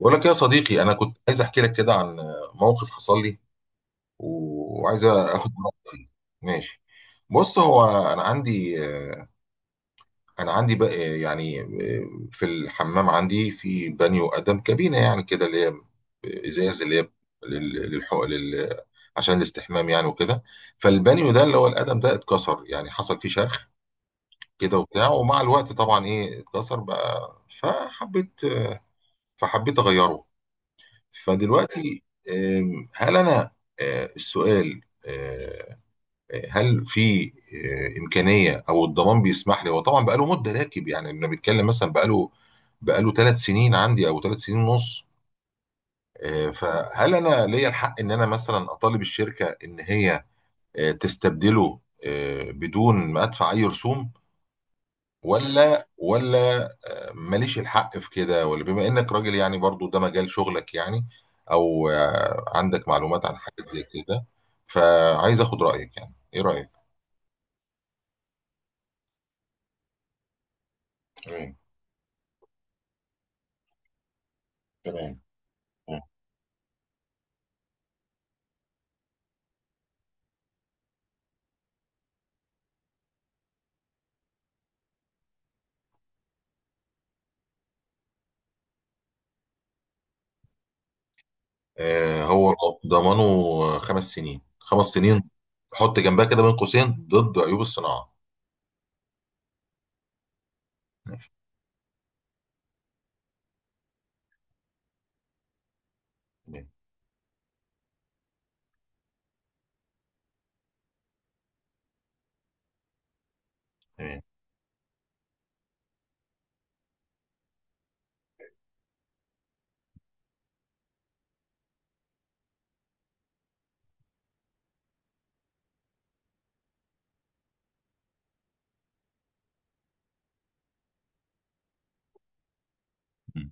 بقول لك يا صديقي، انا كنت عايز احكي لك كده عن موقف حصل لي و- وعايز اخد رايك فيه. ماشي. بص، هو انا عندي انا عندي بقى يعني في الحمام عندي في بانيو قدم كابينه يعني كده، اللي هي ازاز، اللي هي لل- للحق عشان الاستحمام يعني وكده. فالبانيو ده اللي هو القدم ده اتكسر، يعني حصل فيه شرخ كده وبتاع، ومع الوقت طبعا اتكسر بقى. فحبيت فحبيت اغيره. فدلوقتي هل انا السؤال، هل في امكانيه او الضمان بيسمح لي؟ هو طبعا بقاله مده راكب، يعني انا بتكلم مثلا بقاله 3 سنين عندي او 3 سنين ونص. فهل انا ليا الحق ان انا مثلا اطالب الشركه ان هي تستبدله بدون ما ادفع اي رسوم؟ ولا ماليش الحق في كده؟ ولا بما انك راجل يعني برضو ده مجال شغلك يعني، او عندك معلومات عن حاجات زي كده. فعايز اخد رأيك، يعني ايه رأيك؟ تمام. تمام. آه. آه، هو ضمانه 5 سنين، 5 سنين. حط جنبها كده بين قوسين ضد عيوب الصناعة. تمام. تمام. مم.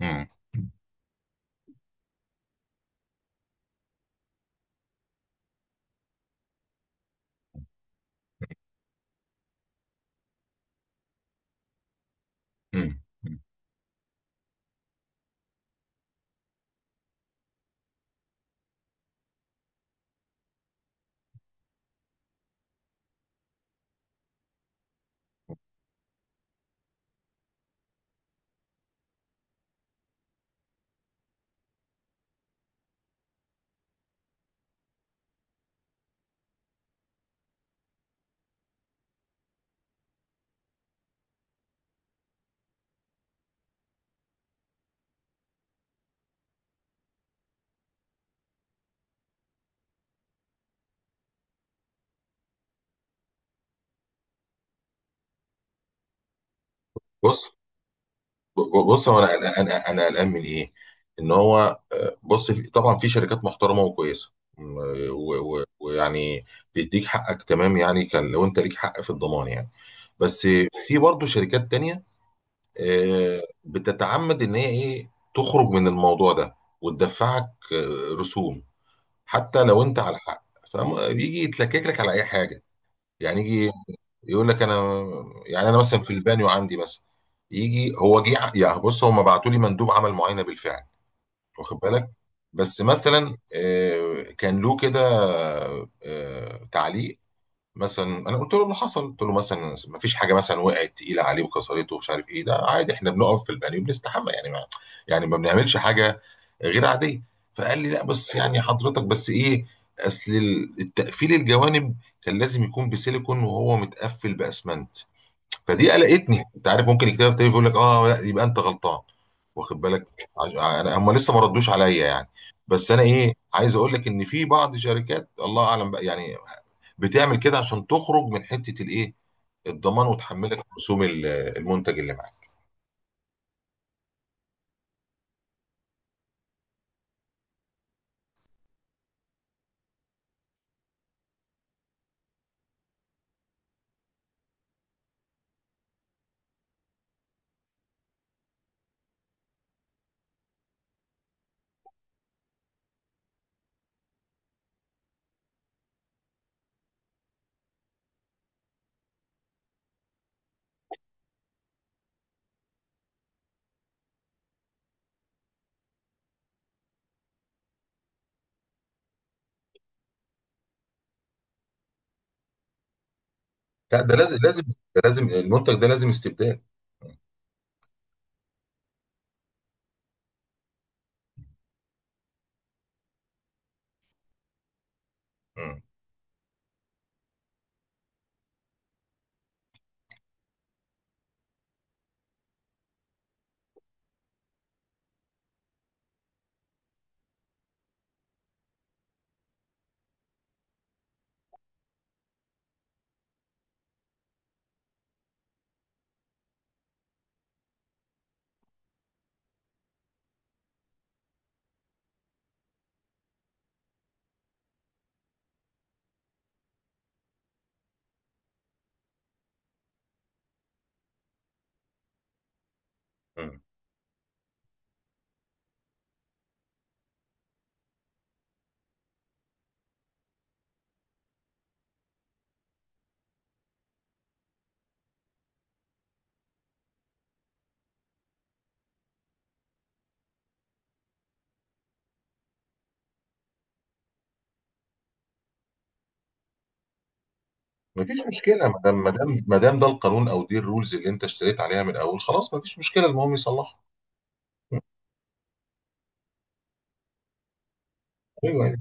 مم. مم. مم. بص، بص هو انا قلقان من ايه؟ ان هو، بص، طبعا في شركات محترمه وكويسه، م- و- و- ويعني بيديك حقك، تمام يعني، كان لو انت ليك حق في الضمان يعني. بس في برضه شركات تانية بتتعمد ان هي ايه تخرج من الموضوع ده وتدفعك رسوم حتى لو انت على حق. فبيجي يتلكك لك على اي حاجه، يعني يجي يقول لك: انا يعني انا مثلا في البانيو عندي مثلا، يجي هو جه. يعني بص، هم بعتوا لي مندوب عمل معاينه بالفعل، واخد بالك، بس مثلا كان له كده تعليق. مثلا انا قلت له اللي حصل، قلت له مثلا ما فيش حاجه مثلا وقعت تقيله عليه وكسرته ومش عارف ايه، ده عادي احنا بنقف في البانيو بنستحمى، يعني ما يعني ما بنعملش حاجه غير عاديه. فقال لي: لا، بس يعني حضرتك بس ايه، اصل التقفيل الجوانب كان لازم يكون بسيليكون وهو متقفل باسمنت. فدي قلقتني. انت عارف، ممكن الكتاب التاني يقول لك: اه لا يبقى انت غلطان. واخد بالك؟ انا هم لسه ما ردوش عليا يعني. بس انا ايه عايز اقول لك ان في بعض شركات الله اعلم بقى يعني بتعمل كده عشان تخرج من حته الايه، الضمان، وتحملك رسوم المنتج اللي معاك. لا، ده لازم، لازم، ده لازم، المنتج ده لازم استبدال. مم. مم. مفيش مشكله، ما دام ما دام ده القانون او دي الرولز اللي انت اشتريت عليها من الاول، خلاص مفيش مشكله، المهم يصلحها. مم. ايوه.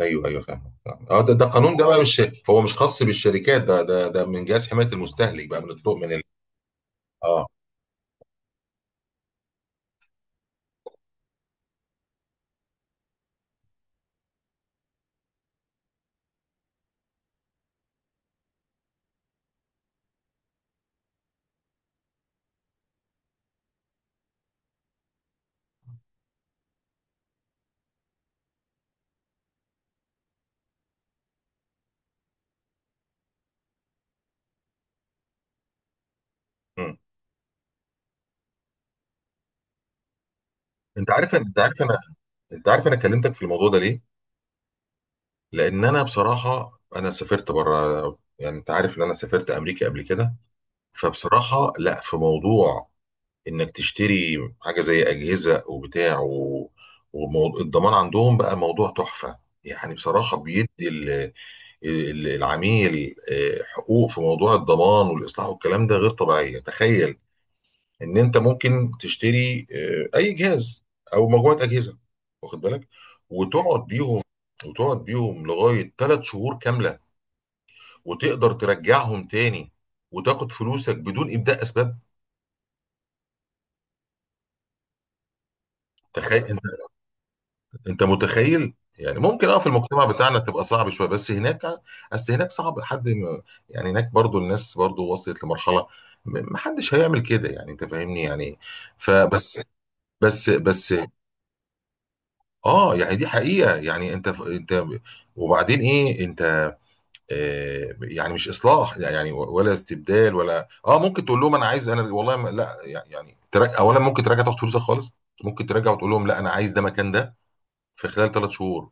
ايوه فاهم، فاهم. اه، ده ده قانون، ده بقى مش هو مش خاص بالشركات، ده ده من جهاز حمايه المستهلك بقى، من الطوق، من ال... اه. مم. انت عارف انت عارف انا انت عارف انا كلمتك في الموضوع ده ليه؟ لان انا بصراحه انا سافرت بره، يعني انت عارف ان انا سافرت امريكا قبل كده. فبصراحه، لا، في موضوع انك تشتري حاجه زي اجهزه وبتاع و... والضمان عندهم بقى موضوع تحفه. يعني بصراحه بيدي ال... العميل حقوق في موضوع الضمان والاصلاح والكلام ده غير طبيعيه. تخيل ان انت ممكن تشتري اي جهاز او مجموعه اجهزه، واخد بالك، وتقعد بيهم وتقعد بيهم لغايه 3 شهور كامله، وتقدر ترجعهم تاني وتاخد فلوسك بدون ابداء اسباب. تخيل. انت متخيل يعني؟ ممكن اه في المجتمع بتاعنا تبقى صعب شويه، بس هناك اصل هناك صعب حد يعني هناك برضو الناس برضو وصلت لمرحله محدش هيعمل كده، يعني انت فاهمني يعني. فبس، بس اه يعني دي حقيقه، يعني انت، انت وبعدين ايه، انت آه يعني مش اصلاح يعني ولا استبدال ولا اه، ممكن تقول لهم انا عايز، انا والله ما لا يعني، تراجع اولا، ممكن تراجع تاخد فلوسك خالص، ممكن تراجع وتقول لهم لا انا عايز ده مكان ده، في خلال 3 شهور.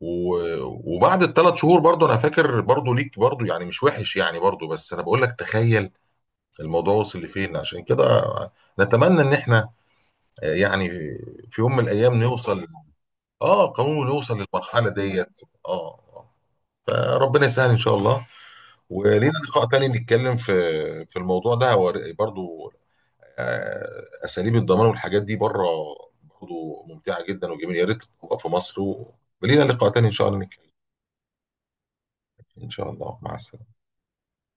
و- وبعد الـ3 شهور برضو انا فاكر برضو ليك برضو يعني مش وحش يعني برضو، بس انا بقول لك تخيل الموضوع وصل لفين، عشان كده نتمنى ان احنا يعني في يوم من الايام نوصل. اه قانون، نوصل للمرحلة ديت. اه. آه. فربنا يسهل ان شاء الله. ولينا لقاء تاني نتكلم في في الموضوع ده، هو برضو اساليب الضمان والحاجات دي بره برضو ممتعة جدا وجميلة، يا ريت تبقى في مصر. ولينا لقاء تاني ان شاء الله نتكلم. ان شاء الله، مع السلامة.